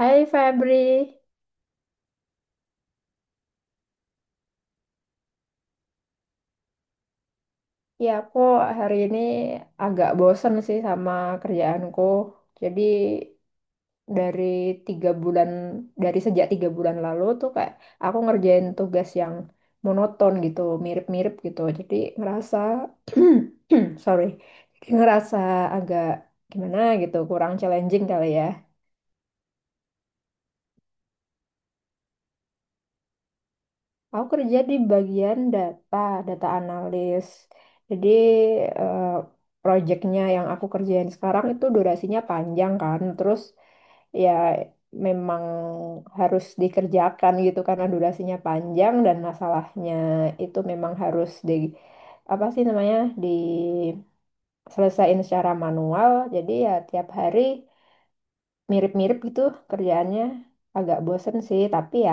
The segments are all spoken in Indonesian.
Hai Febri, ya aku hari ini agak bosen sih sama kerjaanku. Jadi dari tiga bulan, dari sejak 3 bulan lalu tuh kayak aku ngerjain tugas yang monoton gitu, mirip-mirip gitu. Jadi ngerasa, sorry, ngerasa agak gimana gitu, kurang challenging kali ya. Aku kerja di bagian data, data analis. Jadi eh, proyeknya yang aku kerjain sekarang itu durasinya panjang kan. Terus ya memang harus dikerjakan gitu karena durasinya panjang dan masalahnya itu memang harus di apa sih namanya diselesaikan secara manual. Jadi ya tiap hari mirip-mirip gitu kerjaannya agak bosen sih, tapi ya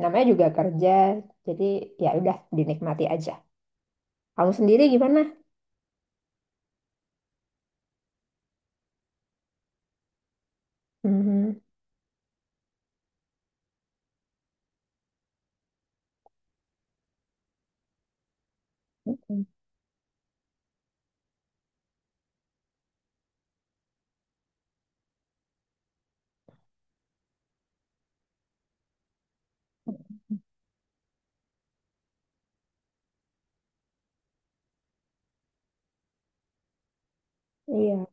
namanya juga kerja, jadi ya udah dinikmati aja. Kamu sendiri gimana? Mhm. Mhm. Iya,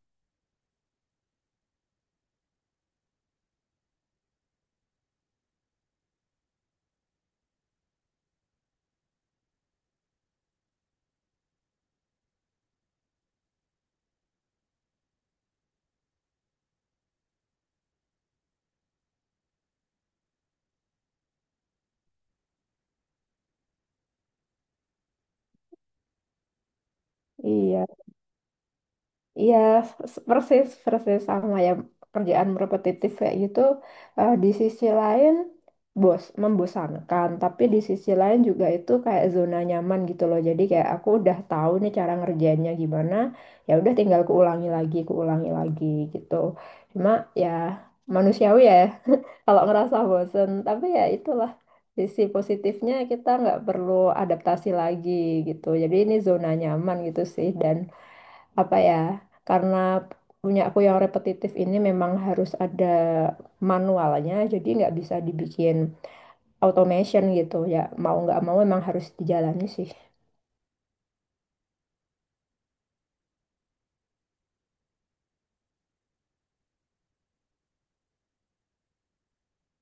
iya, iya, persis, persis sama ya, kerjaan repetitif kayak gitu. Di sisi lain bos membosankan, tapi di sisi lain juga itu kayak zona nyaman gitu loh, jadi kayak aku udah tahu nih cara ngerjainnya gimana, ya udah tinggal kuulangi lagi gitu. Cuma ya manusiawi ya kalau ngerasa bosen, tapi ya itulah sisi positifnya, kita nggak perlu adaptasi lagi gitu, jadi ini zona nyaman gitu sih. Dan apa ya, karena punya aku yang repetitif ini memang harus ada manualnya, jadi nggak bisa dibikin automation gitu, ya mau nggak mau memang harus dijalani sih.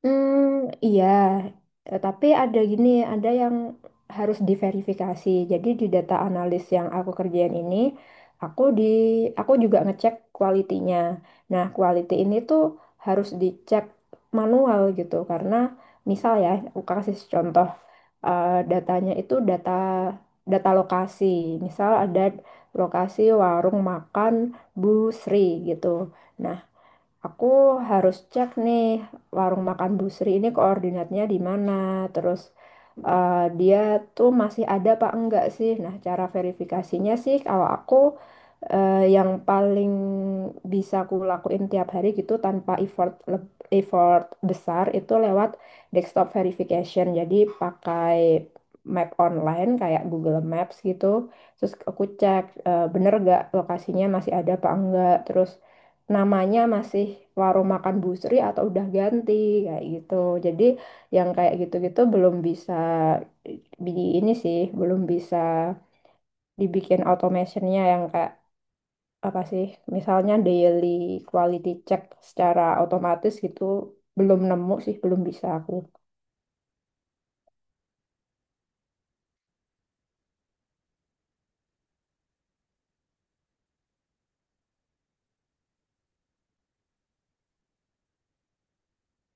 Hmm, iya. Tapi ada gini, ada yang harus diverifikasi. Jadi di data analis yang aku kerjain ini, aku di aku juga ngecek kualitinya. Nah, quality ini tuh harus dicek manual gitu karena misal ya, aku kasih contoh, datanya itu data data lokasi. Misal ada lokasi warung makan Bu Sri gitu. Nah, aku harus cek nih warung makan Bu Sri ini koordinatnya di mana. Terus dia tuh masih ada apa enggak sih? Nah, cara verifikasinya sih kalau aku yang paling bisa aku lakuin tiap hari gitu tanpa effort besar itu lewat desktop verification. Jadi pakai map online kayak Google Maps gitu. Terus aku cek, bener gak lokasinya masih ada apa enggak. Terus namanya masih warung makan Bu Sri atau udah ganti, kayak gitu. Jadi yang kayak gitu-gitu belum bisa di ini sih, belum bisa dibikin automationnya yang kayak apa sih? Misalnya daily quality check secara otomatis gitu, belum nemu sih, belum bisa aku.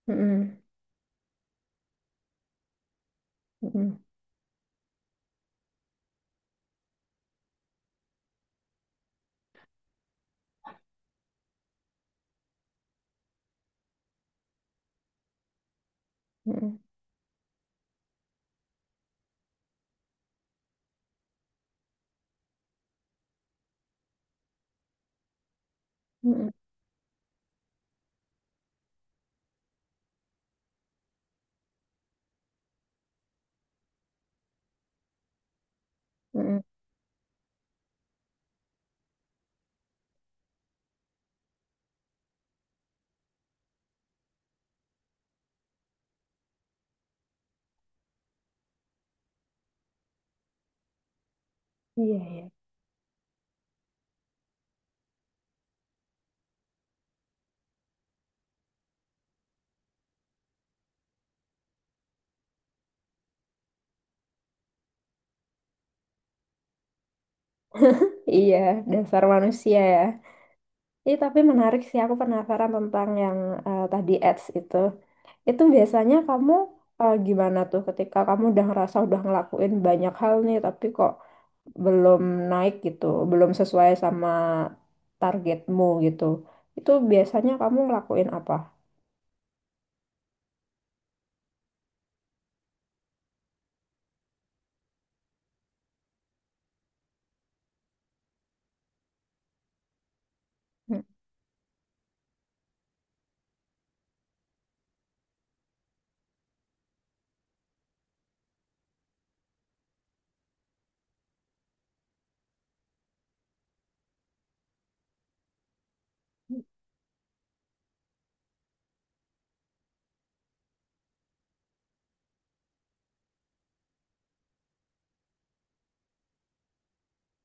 Mm-mm, mm-mm, mm-mm, mm-mm, mm-mm. Iya, iya. Iya, dasar manusia ya. Ih, tapi menarik sih, aku penasaran tentang yang tadi ads itu. Itu biasanya kamu gimana tuh ketika kamu udah ngerasa udah ngelakuin banyak hal nih, tapi kok belum naik gitu, belum sesuai sama targetmu gitu. Itu biasanya kamu ngelakuin apa? Hmm.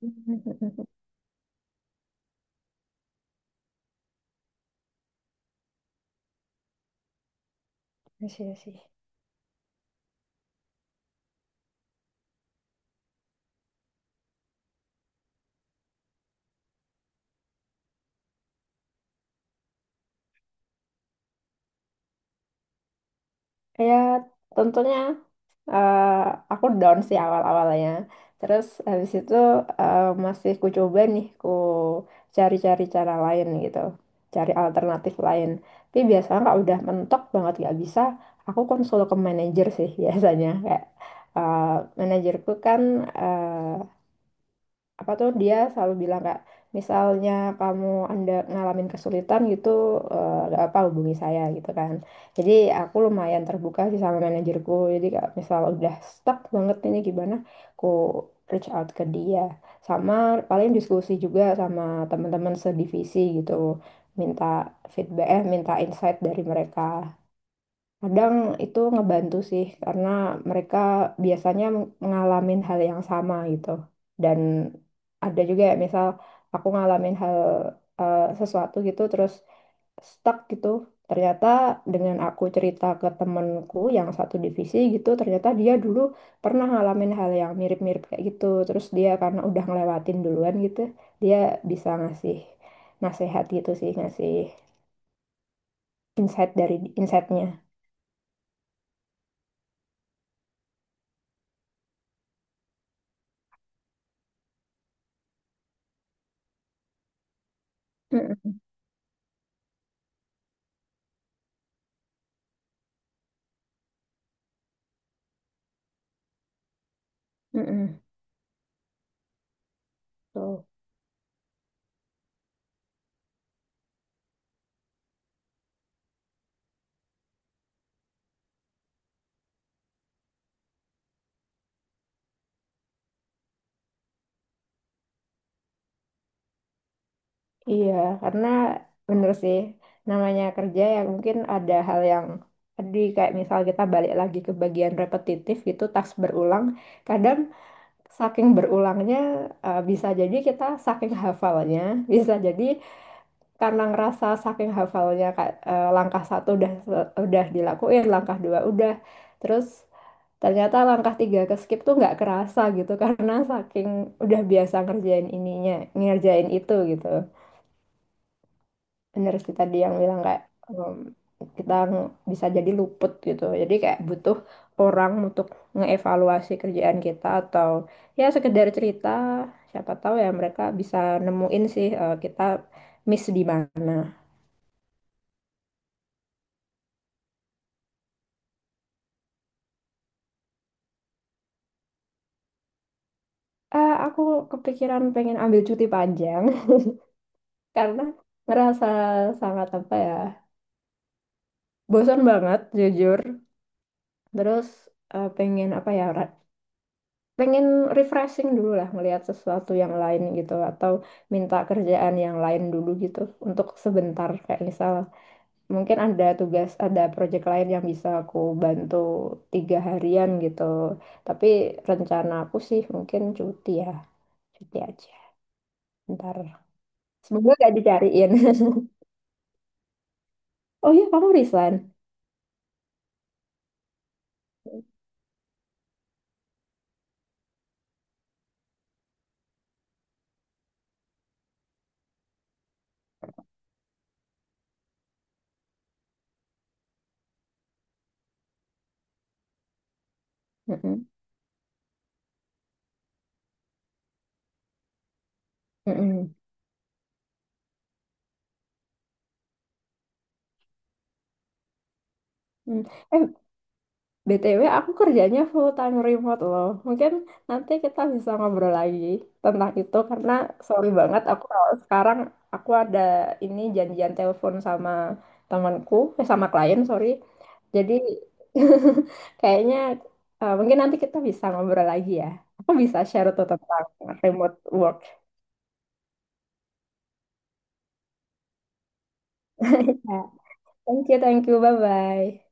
Iya sih. Ya, tentunya eh, aku down sih awal-awalnya. Terus habis itu masih ku coba nih, ku cari-cari cara lain gitu. Cari alternatif lain. Tapi biasanya kalau udah mentok banget gak bisa, aku konsul ke manajer sih biasanya. Kayak eh, manajerku kan, eh, apa tuh, dia selalu bilang, kak misalnya kamu anda ngalamin kesulitan gitu, nggak apa hubungi saya gitu kan. Jadi aku lumayan terbuka sih sama manajerku, jadi kak misal udah stuck banget ini gimana, aku reach out ke dia. Sama paling diskusi juga sama teman-teman sedivisi gitu, minta feedback, minta insight dari mereka. Kadang itu ngebantu sih, karena mereka biasanya mengalami hal yang sama gitu. Dan ada juga ya, misal aku ngalamin hal, sesuatu gitu, terus stuck gitu. Ternyata dengan aku cerita ke temenku yang satu divisi gitu, ternyata dia dulu pernah ngalamin hal yang mirip-mirip kayak gitu. Terus dia karena udah ngelewatin duluan gitu, dia bisa ngasih nasehat gitu sih, ngasih insight dari insightnya. Mm-mm. Mm-mm. Tuh. Iya, karena bener sih, namanya kerja ya mungkin ada hal yang tadi kayak misal kita balik lagi ke bagian repetitif gitu, tas berulang. Kadang saking berulangnya, bisa jadi kita saking hafalnya, bisa jadi karena ngerasa saking hafalnya kayak, langkah satu udah dilakuin, langkah dua udah, terus ternyata langkah tiga ke skip tuh nggak kerasa gitu karena saking udah biasa ngerjain ininya, ngerjain itu gitu. Bener sih tadi yang bilang kayak, em, kita bisa jadi luput gitu. Jadi kayak butuh orang untuk ngeevaluasi kerjaan kita atau ya sekedar cerita. Siapa tahu ya mereka bisa nemuin sih kita miss di mana. Aku kepikiran pengen ambil cuti panjang karena ngerasa sangat apa ya, bosan banget jujur. Terus pengen apa ya, pengen refreshing dulu lah, melihat sesuatu yang lain gitu atau minta kerjaan yang lain dulu gitu untuk sebentar, kayak misal mungkin ada tugas, ada project lain yang bisa aku bantu tiga harian gitu. Tapi rencana aku sih mungkin cuti ya, cuti aja ntar, semoga gak dicariin. Oh iya, kamu resign. Mm-mm. Mm-mm. Mm. Eh, BTW aku kerjanya full time remote loh. Mungkin nanti kita bisa ngobrol lagi tentang itu karena sorry banget aku kalau sekarang aku ada ini janjian telepon sama temanku, eh, sama klien, sorry. Jadi kayaknya, mungkin nanti kita bisa ngobrol lagi ya. Aku bisa share tuh tentang remote work. Ya. Thank you, bye-bye.